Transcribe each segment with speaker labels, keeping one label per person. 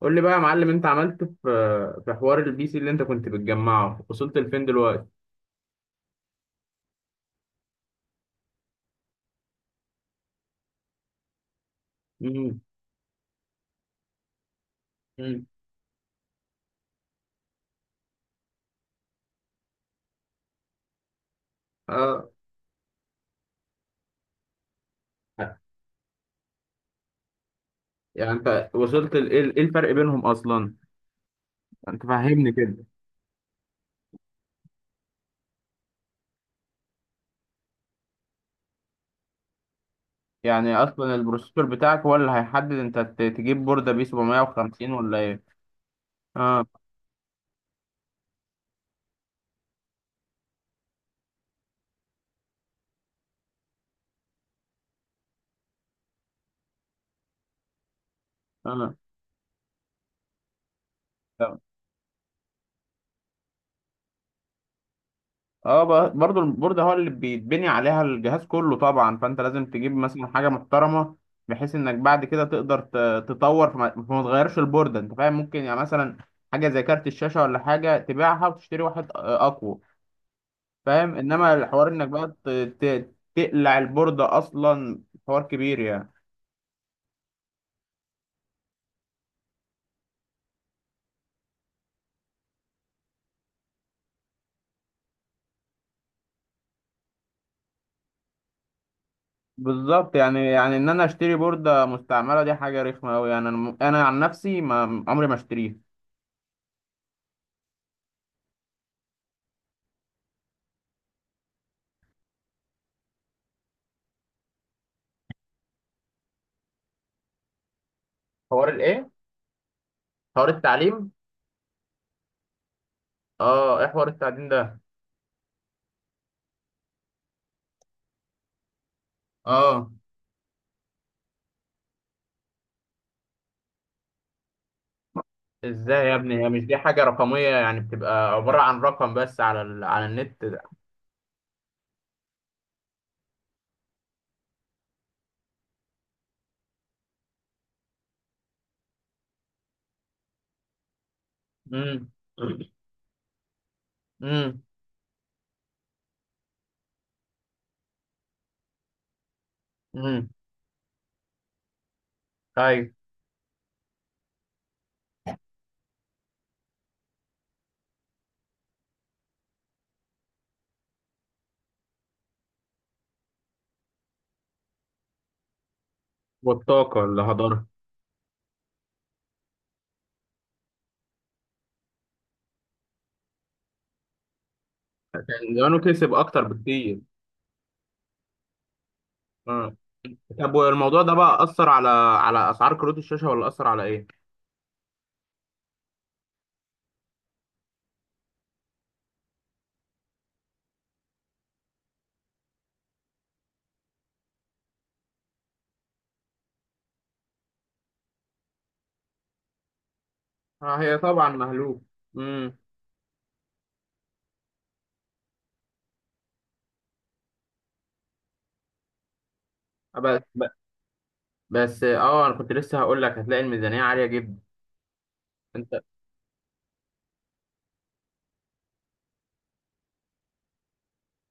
Speaker 1: قول لي بقى يا معلم، انت عملت في حوار البي سي اللي انت كنت بتجمعه، وصلت لفين دلوقتي؟ مم. مم. اه. يعني انت وصلت إيه الفرق بينهم اصلا؟ انت فهمني كده. يعني اصلا البروسيسور بتاعك هو اللي هيحدد انت تجيب بوردة بي 750 ولا ايه؟ اه. اه. اه، برضو البورد هو اللي بيتبني عليها الجهاز كله طبعا، فانت لازم تجيب مثلا حاجه محترمه، بحيث انك بعد كده تقدر تطور، فما تغيرش البورده، انت فاهم، ممكن يعني مثلا حاجه زي كارت الشاشه ولا حاجه تبيعها وتشتري واحد اقوى، فاهم، انما الحوار انك بقى تقلع البورده اصلا، حوار كبير يعني. بالظبط، يعني ان انا اشتري بورده مستعمله دي حاجه رخمه قوي، يعني انا عن نفسي ما عمري ما اشتريها. حوار الايه؟ حوار التعليم؟ اه، ايه حوار التعليم ده؟ اه. ازاي يا ابني؟ هي مش دي حاجة رقمية؟ يعني بتبقى عبارة عن رقم بس على النت ده. امم. امم. امم. ايوه. والطاقة اللي هدرها. كان زمانه كسب اكتر بكتير. اه. طب والموضوع ده بقى اثر على اسعار كروت الشاشة، ولا اثر على ايه؟ اه، هي طبعا مهلوك. امم. بس بس انا كنت لسه هقول لك هتلاقي الميزانية عالية جدا. انت.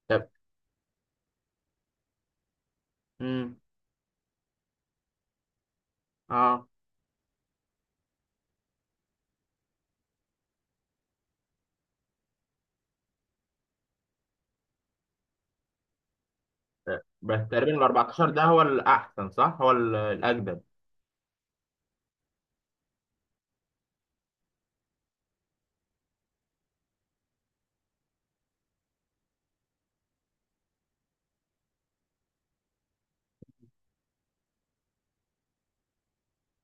Speaker 1: طب. امم. اه. بس تقريبا ال 14 ده هو الاحسن، صح؟ هو الاجدد.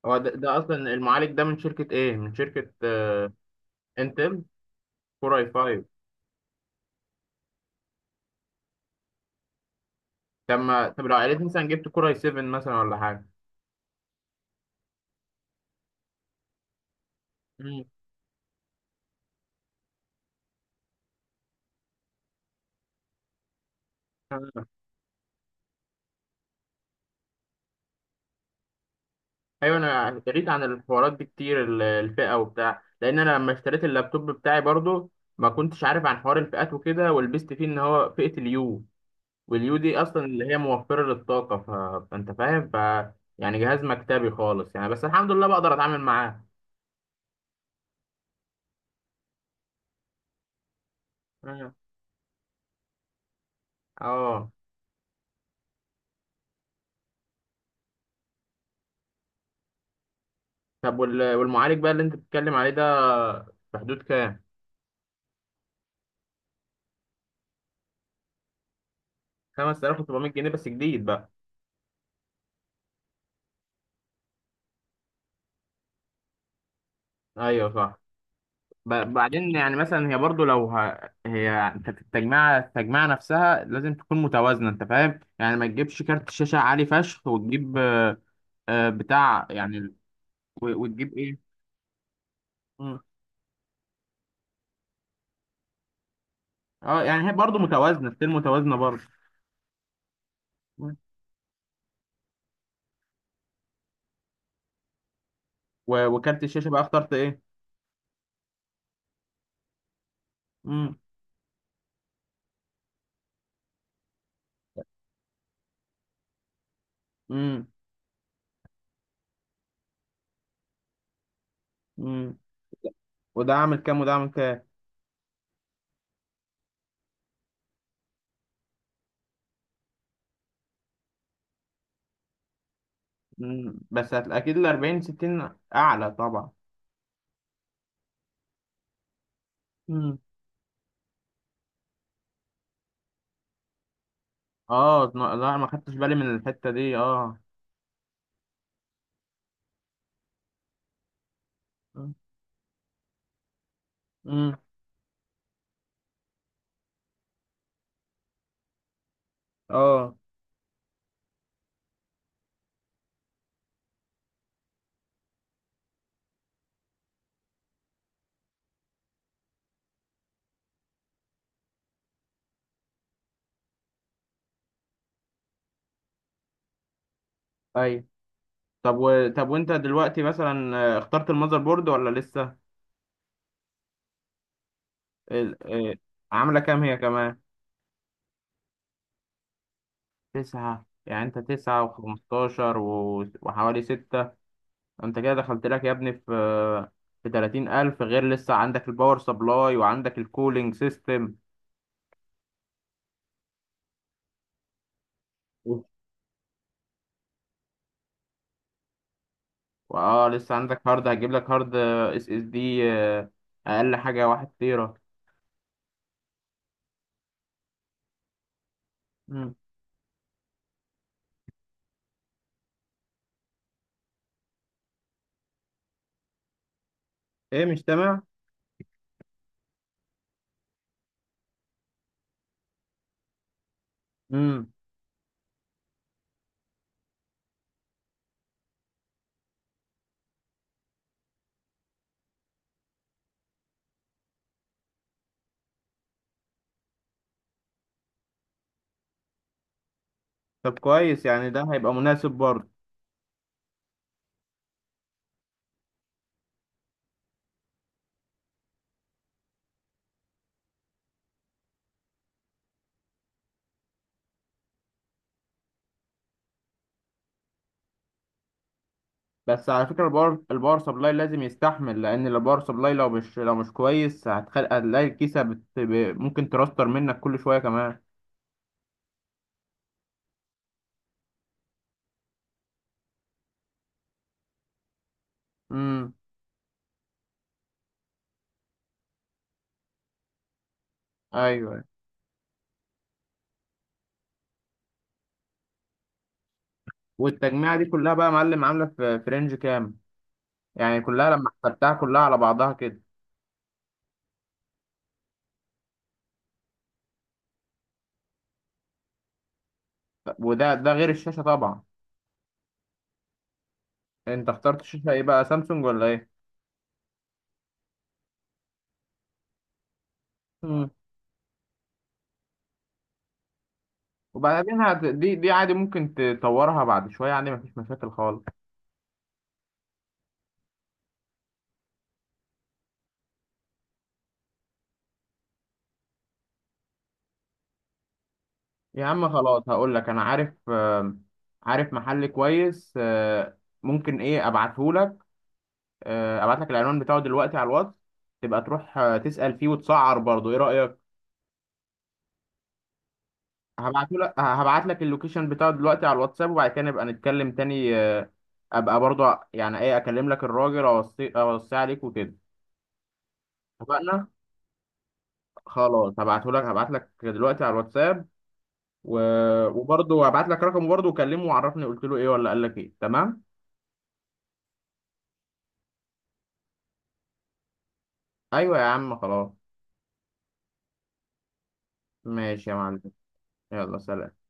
Speaker 1: هو ده، اصلا المعالج ده من شركه ايه، من شركه انتل. كور اي 5. طب ما طب لو قالت مثلا جبت كور اي 7 مثلا ولا حاجه. مم. آه. ايوه. انا قريت عن الحوارات دي كتير، الفئه وبتاع، لان انا لما اشتريت اللابتوب بتاعي برضو ما كنتش عارف عن حوار الفئات وكده، ولبست فيه ان هو فئه اليو. واليو دي اصلا اللي هي موفره للطاقه، فانت فاهم، يعني جهاز مكتبي خالص يعني، بس الحمد لله بقدر اتعامل معاه. مم. اه. طب والمعالج بقى اللي انت بتتكلم عليه ده في حدود كام؟ 5700 جنيه بس، جديد بقى؟ ايوه صح. بعدين يعني مثلا هي برضو لو هي، انت في التجميعه نفسها لازم تكون متوازنه، انت فاهم، يعني ما تجيبش كارت شاشه عالي فشخ وتجيب بتاع يعني وتجيب ايه. مم. اه يعني هي برضو متوازنه، ستيل متوازنه برضو. مم. وكارت الشاشه بقى اخترت ايه؟ امم. امم. امم. وده عامل كام وده عامل كام؟ مم. اكيد ال 40 60 اعلى طبعا. امم. اه، لا، ما خدتش بالي من الحتة دي. اه. امم. اه. اي. طب طب وانت دلوقتي مثلا اخترت المذر بورد ولا لسه؟ ال... آه، عاملة كام هي كمان؟ تسعة يعني، انت تسعة وخمستاشر وحوالي ستة. انت كده دخلت لك يا ابني في تلاتين ألف، غير لسه عندك الباور سبلاي وعندك الكولينج سيستم. واه لسه عندك هارد، هجيب لك هارد اس اس دي، اقل حاجه واحد تيرا. مم. ايه، مش سامع. امم. طب كويس، يعني ده هيبقى مناسب برضه. بس على فكره، الباور سبلاي لازم يستحمل، لان الباور سبلاي لو مش كويس هتلاقي الكيسه ممكن ترستر منك كل شويه كمان. امم. ايوه. والتجميعه دي كلها بقى يا معلم عامله في رينج كام؟ يعني كلها لما حسبتها كلها على بعضها كده. طب وده غير الشاشه طبعا. انت اخترت الشاشه ايه بقى، سامسونج ولا ايه؟ وبعدين دي عادي ممكن تطورها بعد شوية، عادي مفيش مشاكل خالص. يا عم خلاص، هقول لك أنا عارف عارف محل كويس ممكن إيه أبعته لك. أبعت لك العنوان بتاعه دلوقتي على الواتس، تبقى تروح تسأل فيه وتسعر برضه، إيه رأيك؟ هبعت لك اللوكيشن بتاعه دلوقتي على الواتساب، وبعد كده نبقى نتكلم تاني. أبقى برضه يعني إيه أكلم لك الراجل، أوصي أوصي عليك وكده. اتفقنا؟ خلاص، هبعت لك دلوقتي على الواتساب. وبرضه هبعت لك رقمه برضه، وكلمه وعرفني قلت له ايه ولا قال لك ايه، تمام؟ ايوه يا عم خلاص. ماشي يا معلم. يلا سلام.